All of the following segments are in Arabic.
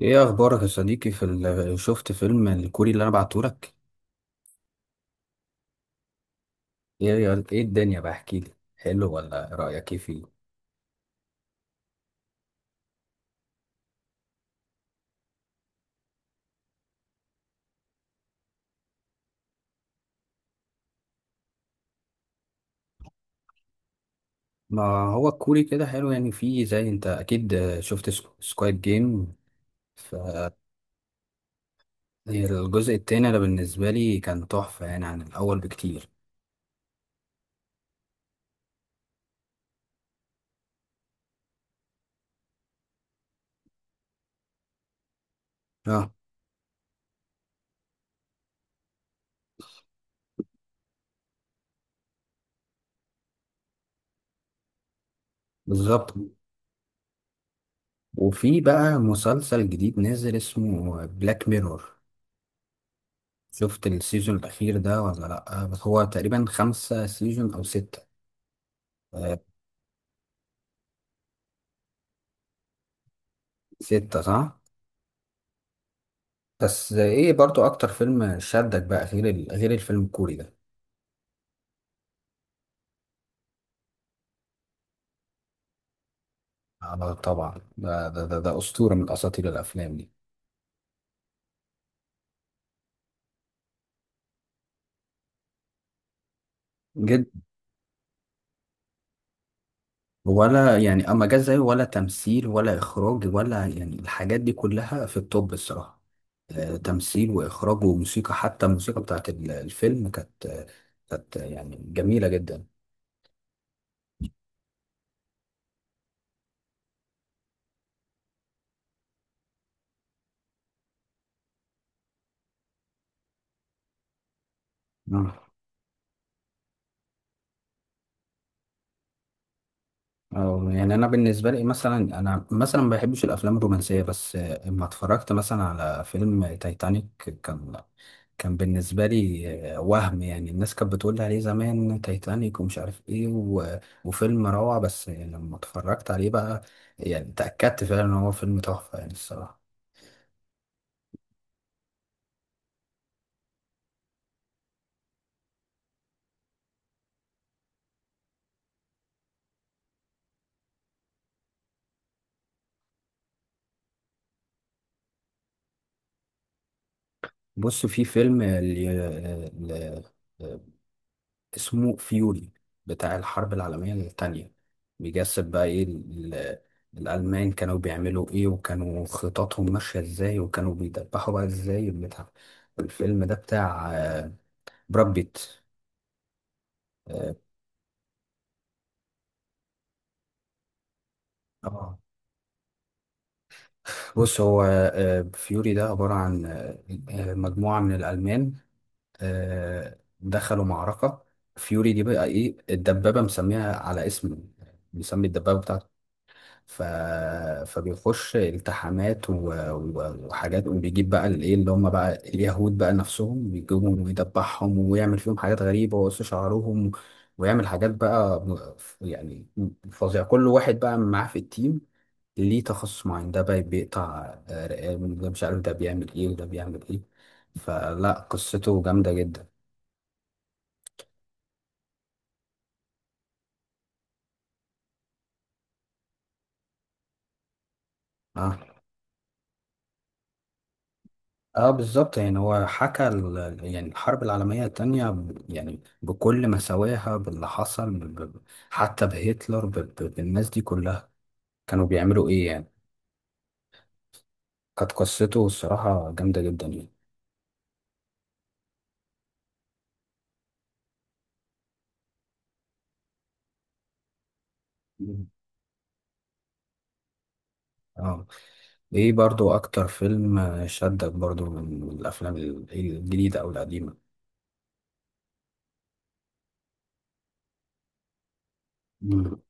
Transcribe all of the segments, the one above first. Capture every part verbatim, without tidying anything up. ايه اخبارك يا صديقي؟ في ال... شفت فيلم الكوري اللي انا بعتهولك؟ ايه ايه، الدنيا بقى احكي لي، حلو ولا رايك ايه فيه؟ ما هو الكوري كده حلو، يعني فيه زي انت اكيد. شفت سكواد جيم؟ ف الجزء التاني ده بالنسبه لي كان تحفه يعني عن الاول بكتير. اه، بالظبط. وفي بقى مسلسل جديد نازل اسمه بلاك ميرور. شفت السيزون الاخير ده ولا لا؟ بس هو تقريبا خمسة سيزون او ستة. آه، ستة، صح. بس ايه برضو اكتر فيلم شدك بقى غير ال- غير الفيلم الكوري ده؟ آه، طبعا، ده ده ده, ده اسطوره من اساطير الافلام دي. جد، ولا يعني اما جه زيه، ولا تمثيل ولا اخراج، ولا يعني الحاجات دي كلها في التوب الصراحه. آه، تمثيل واخراج وموسيقى، حتى الموسيقى بتاعت ال- الفيلم كانت آه، كانت آه، يعني جميله جدا. آه. آه، يعني انا بالنسبه لي مثلا، انا مثلا ما بحبش الافلام الرومانسيه، بس آه، لما اتفرجت مثلا على فيلم تايتانيك، كان كان بالنسبة لي آه، وهم. يعني الناس كانت بتقول لي عليه زمان، تايتانيك ومش عارف ايه و... وفيلم روعة، بس يعني لما اتفرجت عليه بقى يعني تأكدت فعلا ان هو فيلم تحفة يعني الصراحة. بص، في فيلم ال... ال... ال- اسمه فيوري، بتاع الحرب العالمية التانية، بيجسد بقى ايه ال... الألمان كانوا بيعملوا ايه، وكانوا خططهم ماشية ازاي، وكانوا بيدبحوا بقى ازاي البتاع. الفيلم ده بتاع آه، براد بيت. اه، بص، هو آه، فيوري ده عبارة عن آه، آه، مجموعة من الألمان آه، دخلوا معركة. فيوري دي بقى إيه؟ الدبابة، مسميها على اسم، مسمي الدبابة بتاعته. ف... فبيخش التحامات و... و... وحاجات، وبيجيب بقى الايه، اللي هم بقى اليهود بقى نفسهم، بيجيبهم ويدبحهم ويعمل فيهم حاجات غريبة ويقص شعرهم، ويعمل حاجات بقى م- يعني فظيعة. كل واحد بقى معاه في التيم ليه تخصص معين، ده بقى بيقطع آه، رقاب، ده مش عارف ده بيعمل ايه وده بيعمل ايه. فلا، قصته جامدة جدا. اه، اه، بالظبط. يعني هو حكى ال- يعني الحرب العالمية التانية ب- يعني بكل مساواها باللي حصل، ب- ب- حتى بهتلر، ب- ب- بالناس دي كلها كانوا بيعملوا ايه يعني. كانت قصته الصراحة جامدة جدا يعني. مم. اه. ايه برضو اكتر فيلم شدك برضو من الافلام ال- الجديدة او القديمة؟ مم.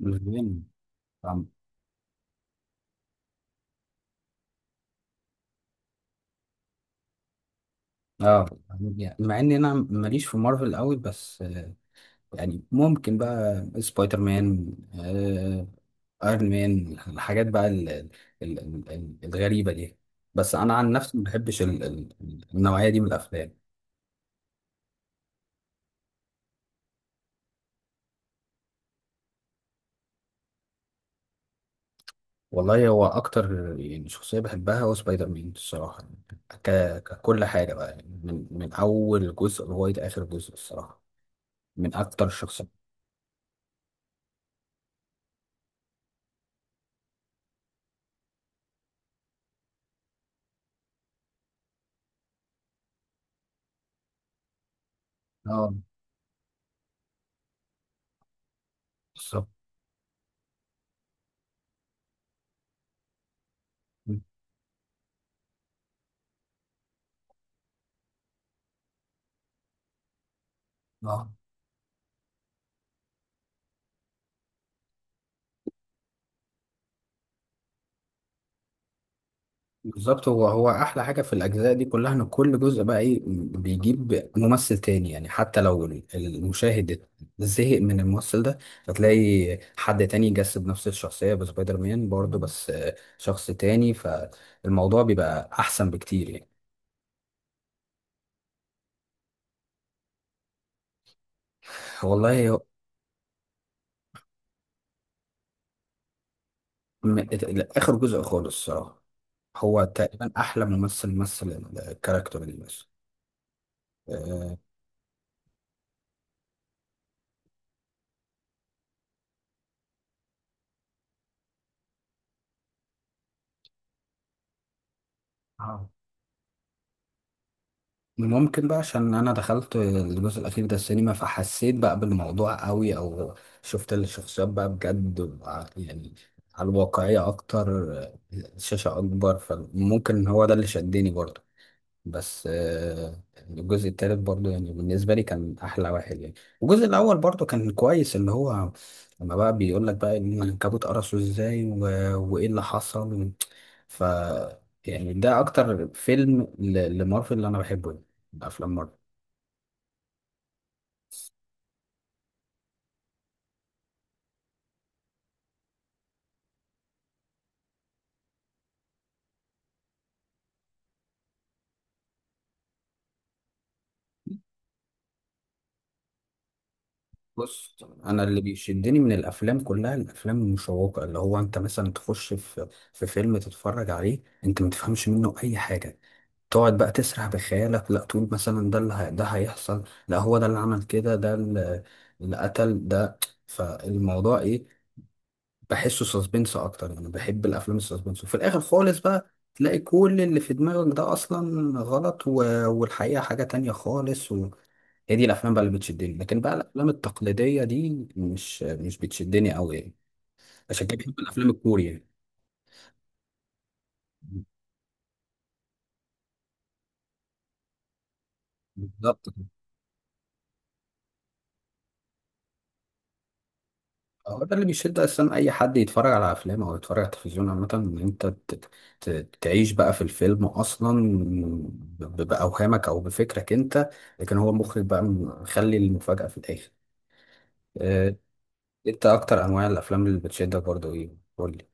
الفيلم، طبعاً. اه، يعني مع ان انا ماليش في مارفل قوي، بس آه، يعني ممكن بقى سبايدر مان، ايرون مان، الحاجات بقى ال ال ال ال ال- الغريبه دي. بس انا عن نفسي ما بحبش ال ال النوعيه دي من الافلام. والله هو اكتر يعني شخصيه بحبها هو سبايدر مان الصراحه. ك ككل حاجه بقى، يعني من من اول جزء لغايه اخر جزء الصراحه، من اكتر الشخصيات. اه، بالظبط. اه، بالظبط، هو هو احلى حاجه في الاجزاء دي كلها ان كل جزء بقى ايه بيجيب ممثل تاني، يعني حتى لو المشاهد زهق من الممثل ده هتلاقي حد تاني يجسد نفس الشخصيه بسبايدر مان برضه، بس آه، شخص تاني، فالموضوع بيبقى احسن بكتير يعني. والله هو- م- اخر جزء خالص الصراحه، هو تقريبا احلى ممثل مثل الكاركتر اللي، بس ممكن بقى عشان انا دخلت الجزء الاخير ده السينما، فحسيت بقى بالموضوع قوي، او شفت الشخصيات بقى بجد وع- يعني على الواقعية اكتر، الشاشة اكبر، فممكن هو ده اللي شدني برضه. بس آه، الجزء التالت برضو يعني بالنسبة لي كان أحلى واحد يعني. الجزء الأول برضو كان كويس، اللي هو لما بقى بيقول لك بقى إن العنكبوت قرصه إزاي و... وإيه اللي حصل. ف يعني ده أكتر فيلم ل... لمارفل اللي أنا بحبه، يعني أفلام مارفل. بص، أنا اللي بيشدني من الأفلام كلها الأفلام المشوقة، اللي هو أنت مثلا تخش في في فيلم تتفرج عليه أنت ما تفهمش منه أي حاجة، تقعد بقى تسرح بخيالك، لا تقول مثلا ده اللي هي- ده هيحصل، لا هو ده اللي عمل كده، ده اللي اللي قتل ده، فالموضوع ايه. بحسه سسبنس اكتر، يعني بحب الافلام السسبنس، وفي الاخر خالص بقى تلاقي كل اللي في دماغك ده اصلا غلط، و... والحقيقة حاجة تانية خالص. وهي دي الافلام بقى اللي بتشدني، لكن بقى الافلام التقليدية دي مش مش بتشدني قوي يعني. عشان كده بحب الافلام الكورية. بالظبط، هو ده اللي بيشد اصلا اي حد يتفرج على افلام او يتفرج على التلفزيون عامه، ان انت ت- ت- تعيش بقى في الفيلم اصلا ب- باوهامك او بفكرك انت، لكن هو المخرج بقى مخلي المفاجاه في الاخر. آه، انت اكتر انواع الافلام اللي بتشدك برضو ايه؟ قول لي.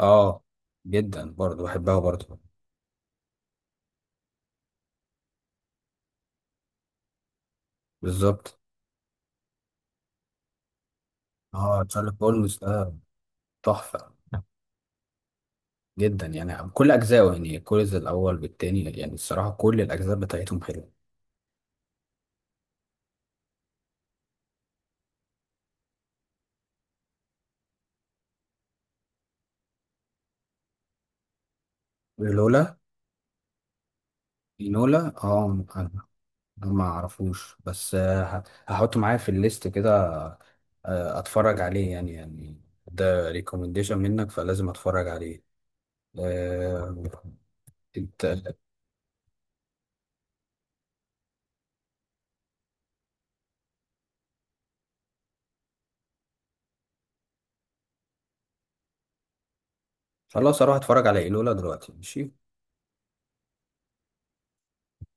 اه، جدا، برضو بحبها برضو. بالظبط. اه، شارلوك هولمز ده تحفه جدا يعني، كل اجزائه، يعني كل الاول بالتاني يعني الصراحه، كل الاجزاء بتاعتهم حلوه. لولا لولا، اه. ما اعرفوش، بس آه، ه- هحطه معايا في الليست كده، آه، اتفرج عليه، يعني يعني ده ريكومنديشن منك فلازم اتفرج عليه. آه، انت، خلاص، اروح اتفرج على ايلولا دلوقتي، ماشي.